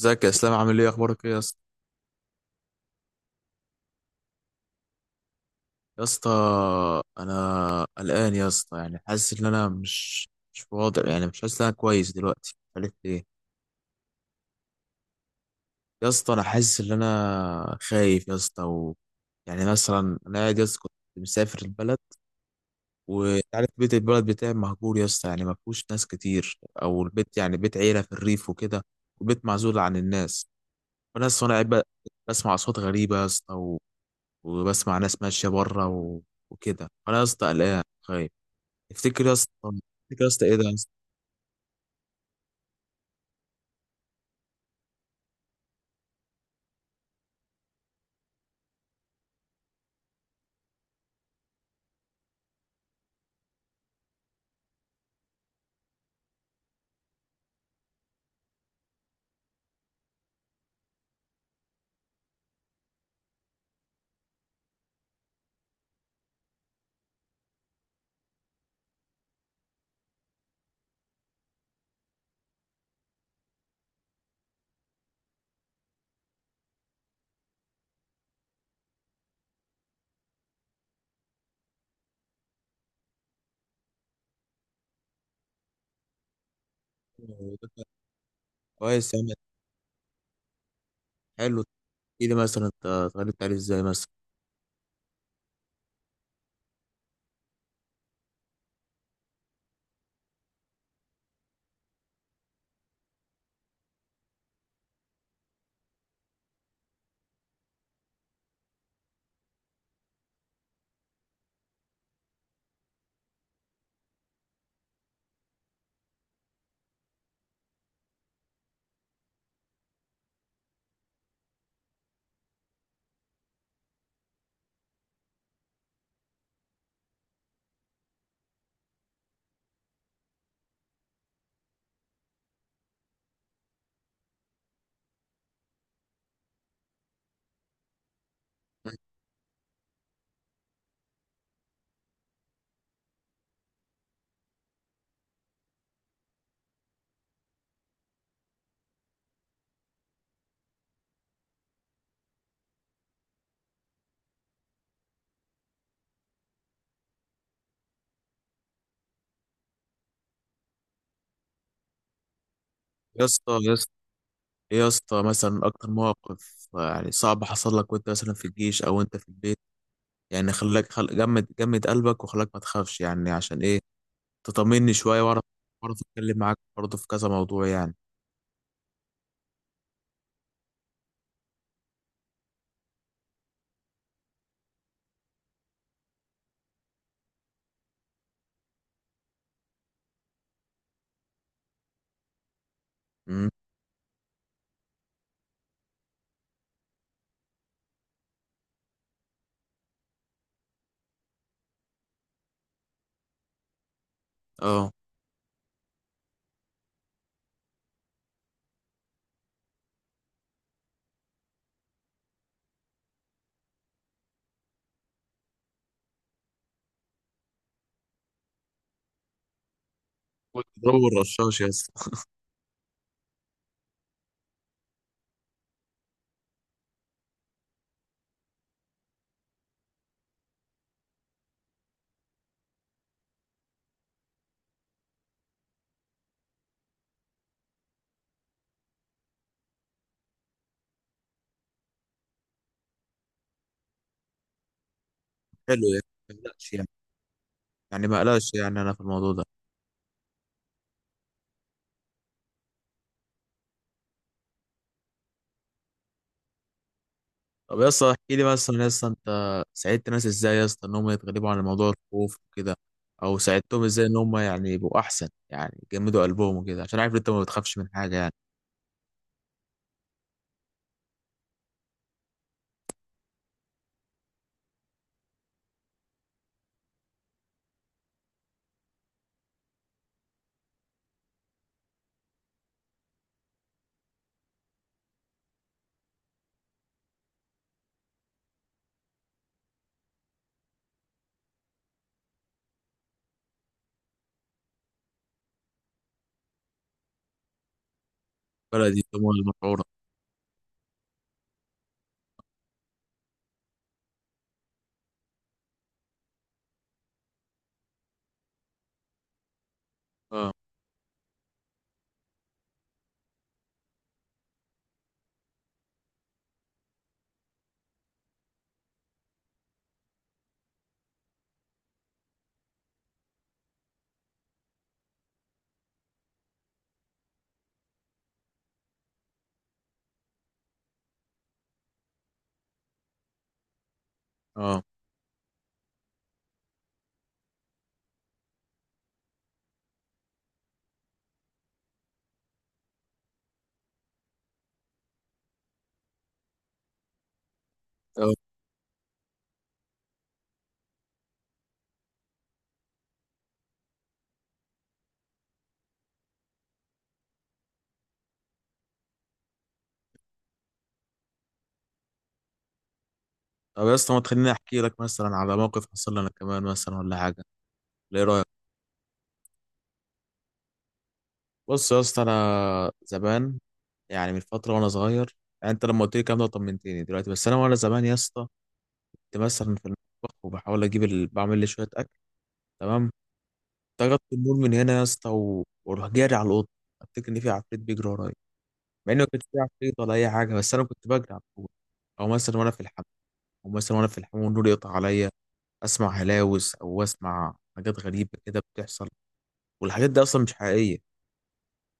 ازيك يا اسلام، عامل ايه، اخبارك ايه يا اسطى يا اسطى؟ انا قلقان يا اسطى، يعني حاسس ان انا مش واضح، يعني مش حاسس ان انا كويس دلوقتي، مش عارف ليه. يا اسطى انا حاسس ان انا خايف يا اسطى يعني مثلا انا قاعد يا اسطى، كنت مسافر البلد، وعارف بيت البلد بتاعي مهجور يا اسطى، يعني ما فيهوش ناس كتير، او البيت يعني بيت عيله في الريف وكده، وبيت معزول عن الناس. فانا اصلا انا قاعد ب- بسمع اصوات غريبه يا اسطى، وبسمع ناس ماشيه بره وكده انا يا اسطى قلقان خايف. تفتكر يا اسطى؟ تفتكر يا اسطى ايه ده يا اسطى؟ هو ده كان. كويس يا عم. حلو. تحكي لي مثلا انت اتغلبت عليه ازاي مثلا يا اسطى يا اسطى؟ ايه يا اسطى مثلا اكتر موقف يعني صعب حصل لك، وانت مثلا في الجيش او انت في البيت، يعني خلاك جمد قلبك وخلاك ما تخافش، يعني عشان ايه؟ تطمني شويه واعرف. اتكلم معاك برضه في كذا موضوع يعني. امم. اه. كنت بدور رشاش يا اسطى. حلو يعني، ما تقلقش، يعني ما قلقش يعني انا في الموضوع ده. طب يا اسطى احكي لي مثلا يا اسطى، انت ساعدت ناس ازاي يا اسطى ان هم يتغلبوا على موضوع الخوف وكده، او ساعدتهم ازاي ان هم يعني يبقوا احسن، يعني يجمدوا قلبهم وكده، عشان عارف إن انت ما بتخافش من حاجه يعني. بلدي طموح المشعوره. اه. اه. اه. طب يا اسطى ما تخليني احكي لك مثلا على موقف حصل لي انا كمان مثلا ولا حاجه؟ ليه رايك؟ بص يا اسطى انا زمان، يعني من فتره وانا صغير، يعني انت لما قلت لي الكلام ده طمنتني دلوقتي، بس انا وانا زمان يا اسطى كنت مثلا في المطبخ وبحاول اجيب بعمل لي شويه، تمام. طردت النور من هنا يا اسطى واروح جاري على الاوضه، افتكر ان في عفريت بيجري ورايا، مع انه ما كانش في عفريت ولا اي حاجه، بس انا كنت بجري على طول. او مثلا وانا في الحمام، او مثلا وانا في الحمام والنور يقطع عليا، اسمع هلاوس او اسمع حاجات غريبه كده بتحصل، والحاجات دي اصلا مش حقيقيه.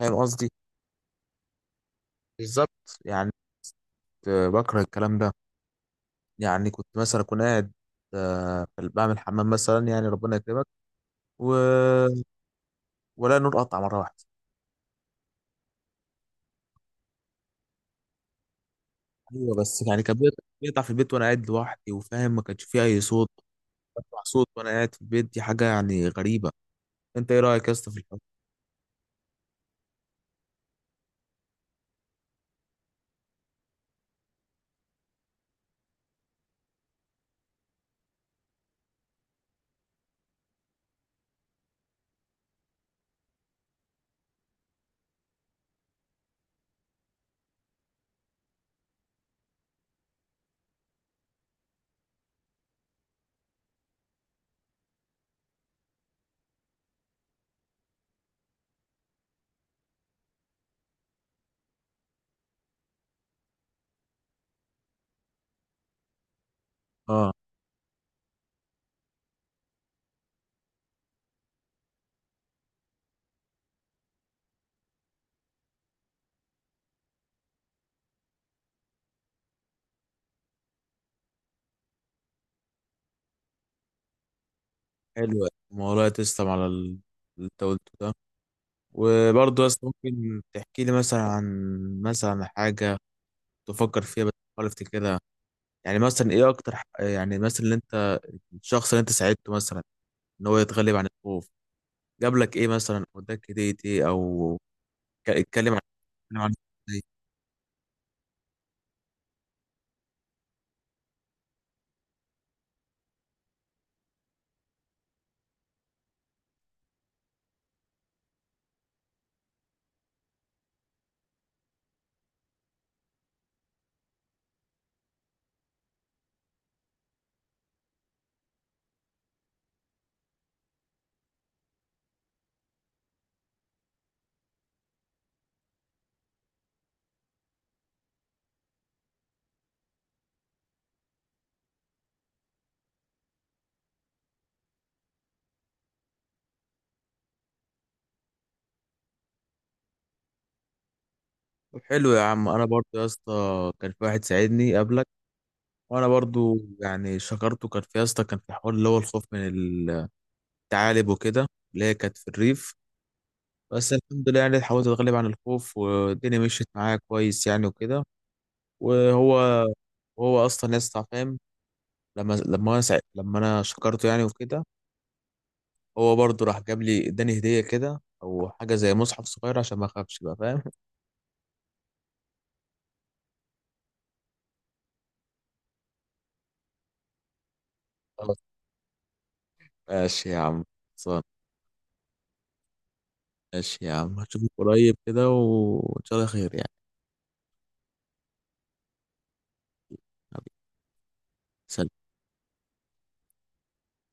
فاهم قصدي؟ بالظبط يعني. كنت بكره الكلام ده. يعني كنت مثلا اكون قاعد بعمل حمام مثلا يعني ربنا يكرمك و... ولا نور قطع مره واحده. ايوه، بس يعني كان بيقطع بيقطع في البيت وانا قاعد لوحدي، وفاهم ما كانش فيه اي صوت. بسمع صوت وانا قاعد في البيت، دي حاجه يعني غريبه. انت ايه رايك يا اسطى في الحوار؟ اه. حلو الموضوع، تسلم على اللي انت قلته ده. وبرضه يا اسطى ممكن تحكي لي مثلا عن مثلا حاجه تفكر فيها بس بتحاول افتكرها؟ يعني مثلا ايه اكتر يعني مثلا اللي انت، الشخص اللي انت ساعدته مثلا ان هو يتغلب عن الخوف جاب لك ايه مثلا، او اداك هديه ايه، او اتكلم عن اتكلم عن إيه؟ طب حلو يا عم. انا برضو يا اسطى كان في واحد ساعدني قبلك، وانا برضو يعني شكرته. كان في يا اسطى كان في حوار اللي هو الخوف من الثعالب وكده، اللي هي كانت في الريف، بس الحمد لله يعني حاولت اتغلب عن الخوف والدنيا مشيت معايا كويس يعني وكده. وهو اصلا يا اسطى فاهم. لما انا شكرته يعني وكده، هو برضو راح جاب لي اداني هديه كده، او حاجه زي مصحف صغير عشان ما اخافش بقى فاهم. خلاص، ماشي يا عم. ماشي يا عم، هشوفك قريب كده وإن شاء الله خير يعني. حبيبي. سلام.